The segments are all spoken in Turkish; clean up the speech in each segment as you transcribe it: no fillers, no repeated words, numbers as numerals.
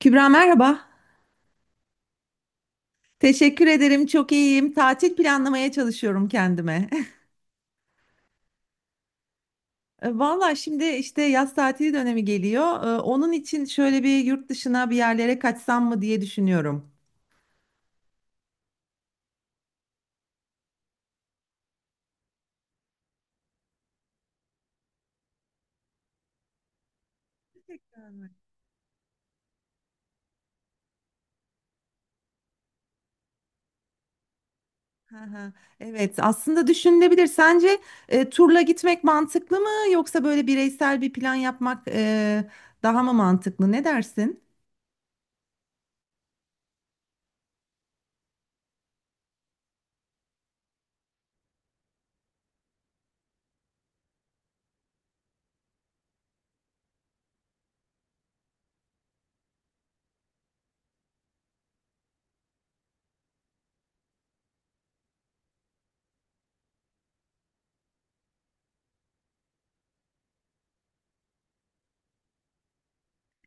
Kübra merhaba. Teşekkür ederim. Çok iyiyim. Tatil planlamaya çalışıyorum kendime. Valla şimdi işte yaz tatili dönemi geliyor. Onun için şöyle bir yurt dışına bir yerlere kaçsam mı diye düşünüyorum. Gerçekten mi? Hı hı. Evet, aslında düşünülebilir. Sence turla gitmek mantıklı mı yoksa böyle bireysel bir plan yapmak daha mı mantıklı? Ne dersin?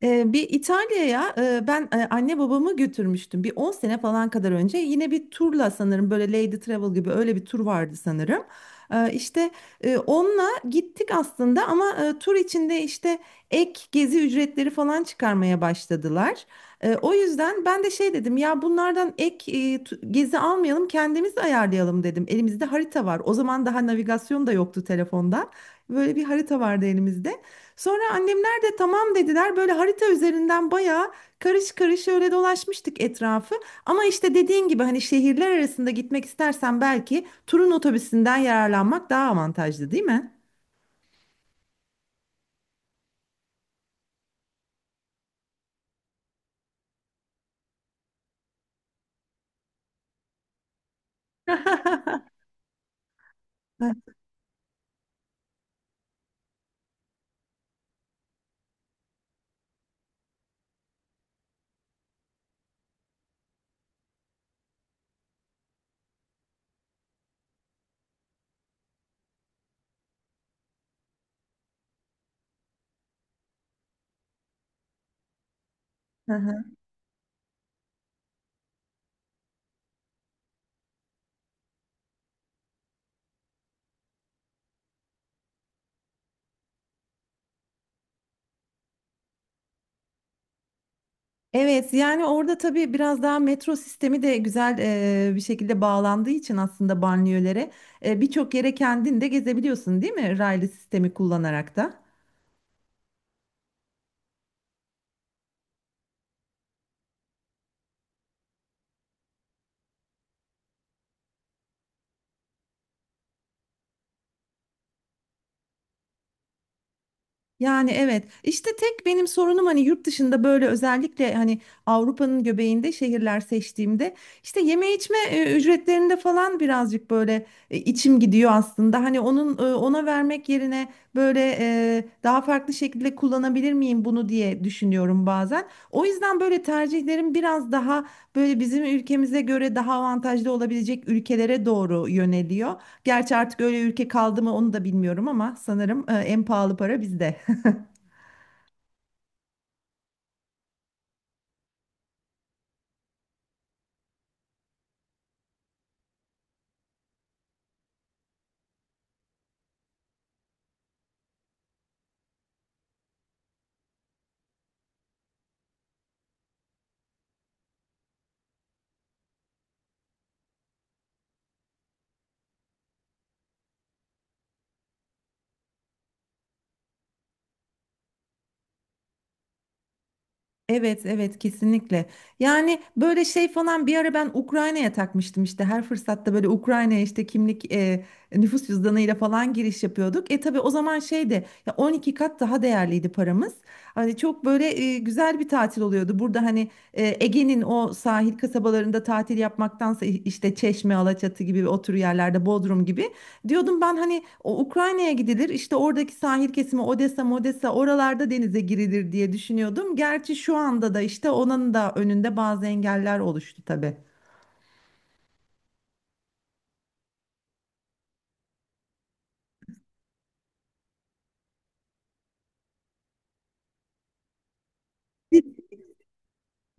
Bir İtalya'ya ben anne babamı götürmüştüm. Bir 10 sene falan kadar önce yine bir turla sanırım böyle Lady Travel gibi öyle bir tur vardı sanırım. İşte onunla gittik aslında ama tur içinde işte ek gezi ücretleri falan çıkarmaya başladılar. O yüzden ben de şey dedim ya bunlardan ek gezi almayalım kendimiz ayarlayalım dedim. Elimizde harita var. O zaman daha navigasyon da yoktu telefonda. Böyle bir harita vardı elimizde. Sonra annem tamam dediler. Böyle harita üzerinden bayağı karış karış öyle dolaşmıştık etrafı. Ama işte dediğin gibi hani şehirler arasında gitmek istersen belki turun otobüsünden yararlanmak daha avantajlı, değil mi? Hı hı. Evet, yani orada tabii biraz daha metro sistemi de güzel bir şekilde bağlandığı için aslında banliyölere birçok yere kendin de gezebiliyorsun değil mi? Raylı sistemi kullanarak da. Yani evet işte tek benim sorunum hani yurt dışında böyle özellikle hani Avrupa'nın göbeğinde şehirler seçtiğimde işte yeme içme ücretlerinde falan birazcık böyle içim gidiyor aslında. Hani ona vermek yerine daha farklı şekilde kullanabilir miyim bunu diye düşünüyorum bazen. O yüzden böyle tercihlerim biraz daha böyle bizim ülkemize göre daha avantajlı olabilecek ülkelere doğru yöneliyor. Gerçi artık öyle ülke kaldı mı onu da bilmiyorum ama sanırım en pahalı para bizde. Evet, evet kesinlikle. Yani böyle şey falan bir ara ben Ukrayna'ya takmıştım işte her fırsatta böyle Ukrayna'ya işte kimlik, nüfus cüzdanıyla falan giriş yapıyorduk. E tabii o zaman şeydi ya 12 kat daha değerliydi paramız. Hani çok böyle güzel bir tatil oluyordu. Burada hani Ege'nin o sahil kasabalarında tatil yapmaktansa işte Çeşme, Alaçatı gibi otur yerlerde Bodrum gibi diyordum ben hani o Ukrayna'ya gidilir işte oradaki sahil kesimi Odessa, Modessa oralarda denize girilir diye düşünüyordum. Gerçi şu anda da işte onun da önünde bazı engeller oluştu tabii. Cid-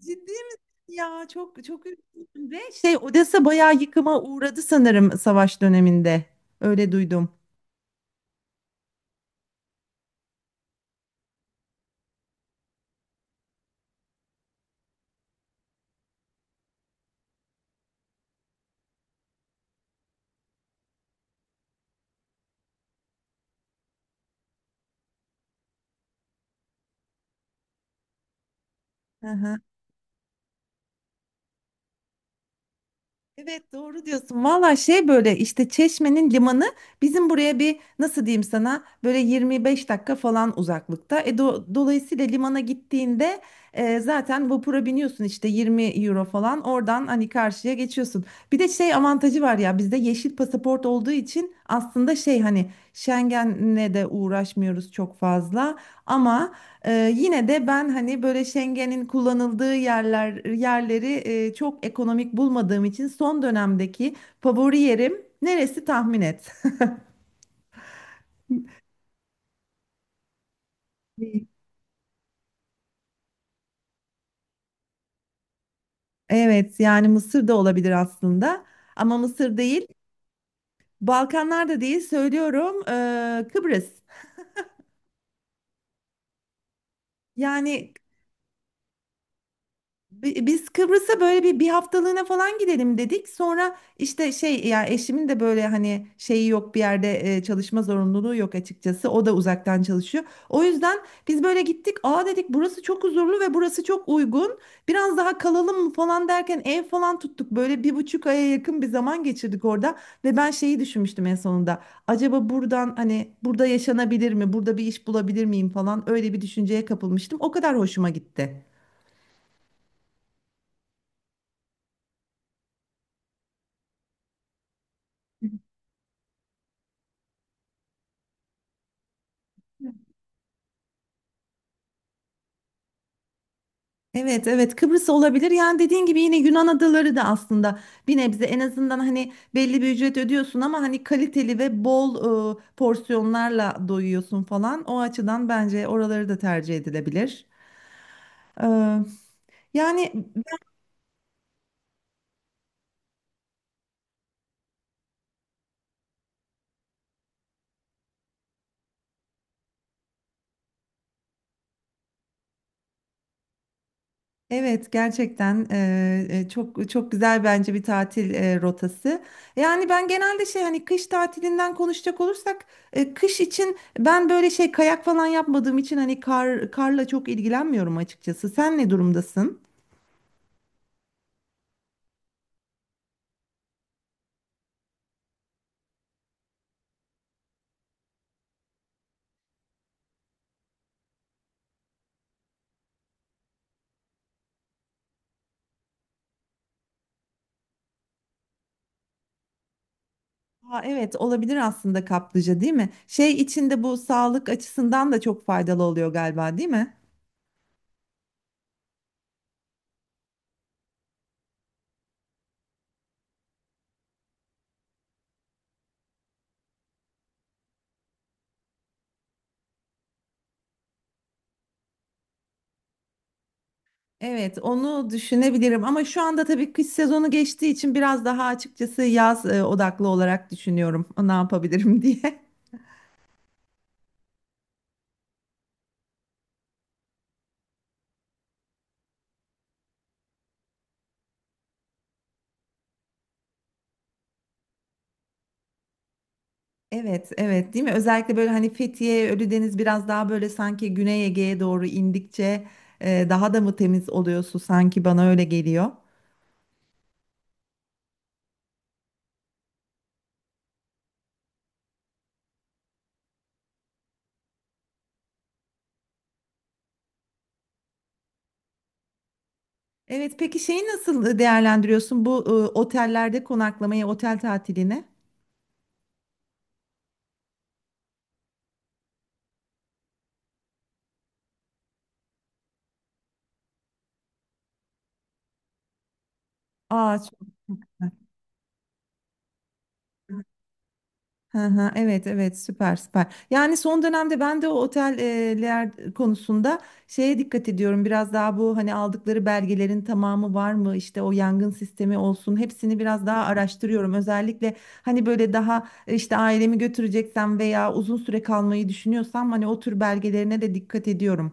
Ciddi misin ya? Çok çok üzüldüm. Ve şey Odessa bayağı yıkıma uğradı sanırım savaş döneminde. Öyle duydum. Hı hı. Evet, doğru diyorsun. Valla şey böyle işte Çeşme'nin limanı bizim buraya bir nasıl diyeyim sana böyle 25 dakika falan uzaklıkta. E dolayısıyla limana gittiğinde zaten vapura biniyorsun işte 20 euro falan oradan hani karşıya geçiyorsun. Bir de şey avantajı var ya bizde yeşil pasaport olduğu için aslında şey hani Schengen'le de uğraşmıyoruz çok fazla ama yine de ben hani böyle Schengen'in kullanıldığı yerleri çok ekonomik bulmadığım için son dönemdeki favori yerim neresi tahmin et. Değil. Evet, yani Mısır da olabilir aslında ama Mısır değil. Balkanlar da değil, söylüyorum, Kıbrıs. Yani biz Kıbrıs'a böyle bir haftalığına falan gidelim dedik. Sonra işte şey ya eşimin de böyle hani şeyi yok bir yerde çalışma zorunluluğu yok açıkçası. O da uzaktan çalışıyor. O yüzden biz böyle gittik. Aa dedik, burası çok huzurlu ve burası çok uygun. Biraz daha kalalım mı falan derken ev falan tuttuk. Böyle bir buçuk aya yakın bir zaman geçirdik orada. Ve ben şeyi düşünmüştüm en sonunda. Acaba buradan hani burada yaşanabilir mi? Burada bir iş bulabilir miyim falan öyle bir düşünceye kapılmıştım. O kadar hoşuma gitti. Evet, evet Kıbrıs olabilir. Yani dediğin gibi yine Yunan adaları da aslında bir nebze en azından hani belli bir ücret ödüyorsun ama hani kaliteli ve bol porsiyonlarla doyuyorsun falan. O açıdan bence oraları da tercih edilebilir. Ee, yani Evet, gerçekten çok çok güzel bence bir tatil rotası. Yani ben genelde şey hani kış tatilinden konuşacak olursak kış için ben böyle şey kayak falan yapmadığım için hani karla çok ilgilenmiyorum açıkçası. Sen ne durumdasın? Ha, evet olabilir aslında, kaplıca değil mi? Şey içinde bu sağlık açısından da çok faydalı oluyor galiba değil mi? Evet, onu düşünebilirim ama şu anda tabii kış sezonu geçtiği için biraz daha açıkçası yaz odaklı olarak düşünüyorum ne yapabilirim diye. Evet, evet değil mi? Özellikle böyle hani Fethiye, Ölüdeniz biraz daha böyle sanki Güney Ege'ye doğru indikçe daha da mı temiz oluyor su, sanki bana öyle geliyor. Evet, peki şeyi nasıl değerlendiriyorsun bu otellerde konaklamayı, otel tatilini? Aa, çok... Hı hı, evet evet, süper süper. Yani son dönemde ben de o oteller konusunda şeye dikkat ediyorum. Biraz daha bu hani aldıkları belgelerin tamamı var mı? İşte o yangın sistemi olsun. Hepsini biraz daha araştırıyorum. Özellikle hani böyle daha işte ailemi götüreceksem veya uzun süre kalmayı düşünüyorsam hani o tür belgelerine de dikkat ediyorum.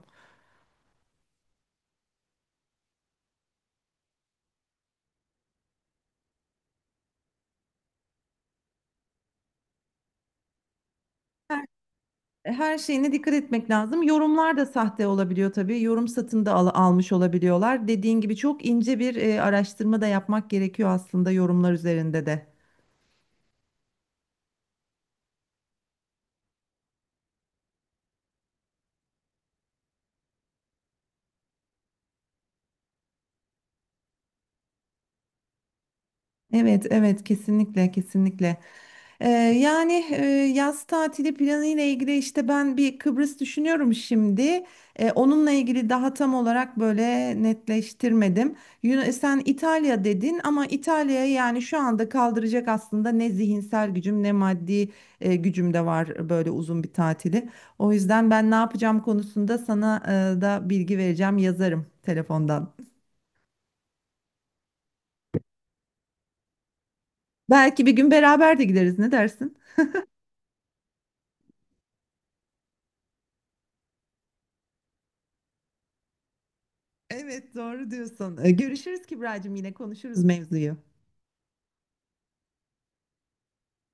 E, her şeyine dikkat etmek lazım. Yorumlar da sahte olabiliyor tabii. Yorum satın da almış olabiliyorlar. Dediğin gibi çok ince bir araştırma da yapmak gerekiyor aslında yorumlar üzerinde de. Evet, evet kesinlikle kesinlikle. Ee, yani e, yaz tatili planı ile ilgili işte ben bir Kıbrıs düşünüyorum şimdi. Onunla ilgili daha tam olarak böyle netleştirmedim. Sen İtalya dedin ama İtalya'ya, yani şu anda kaldıracak aslında ne zihinsel gücüm ne maddi gücüm de var böyle uzun bir tatili. O yüzden ben ne yapacağım konusunda sana da bilgi vereceğim, yazarım telefondan. Belki bir gün beraber de gideriz. Ne dersin? Evet, doğru diyorsun. Görüşürüz Kibracığım, yine konuşuruz mevzuyu.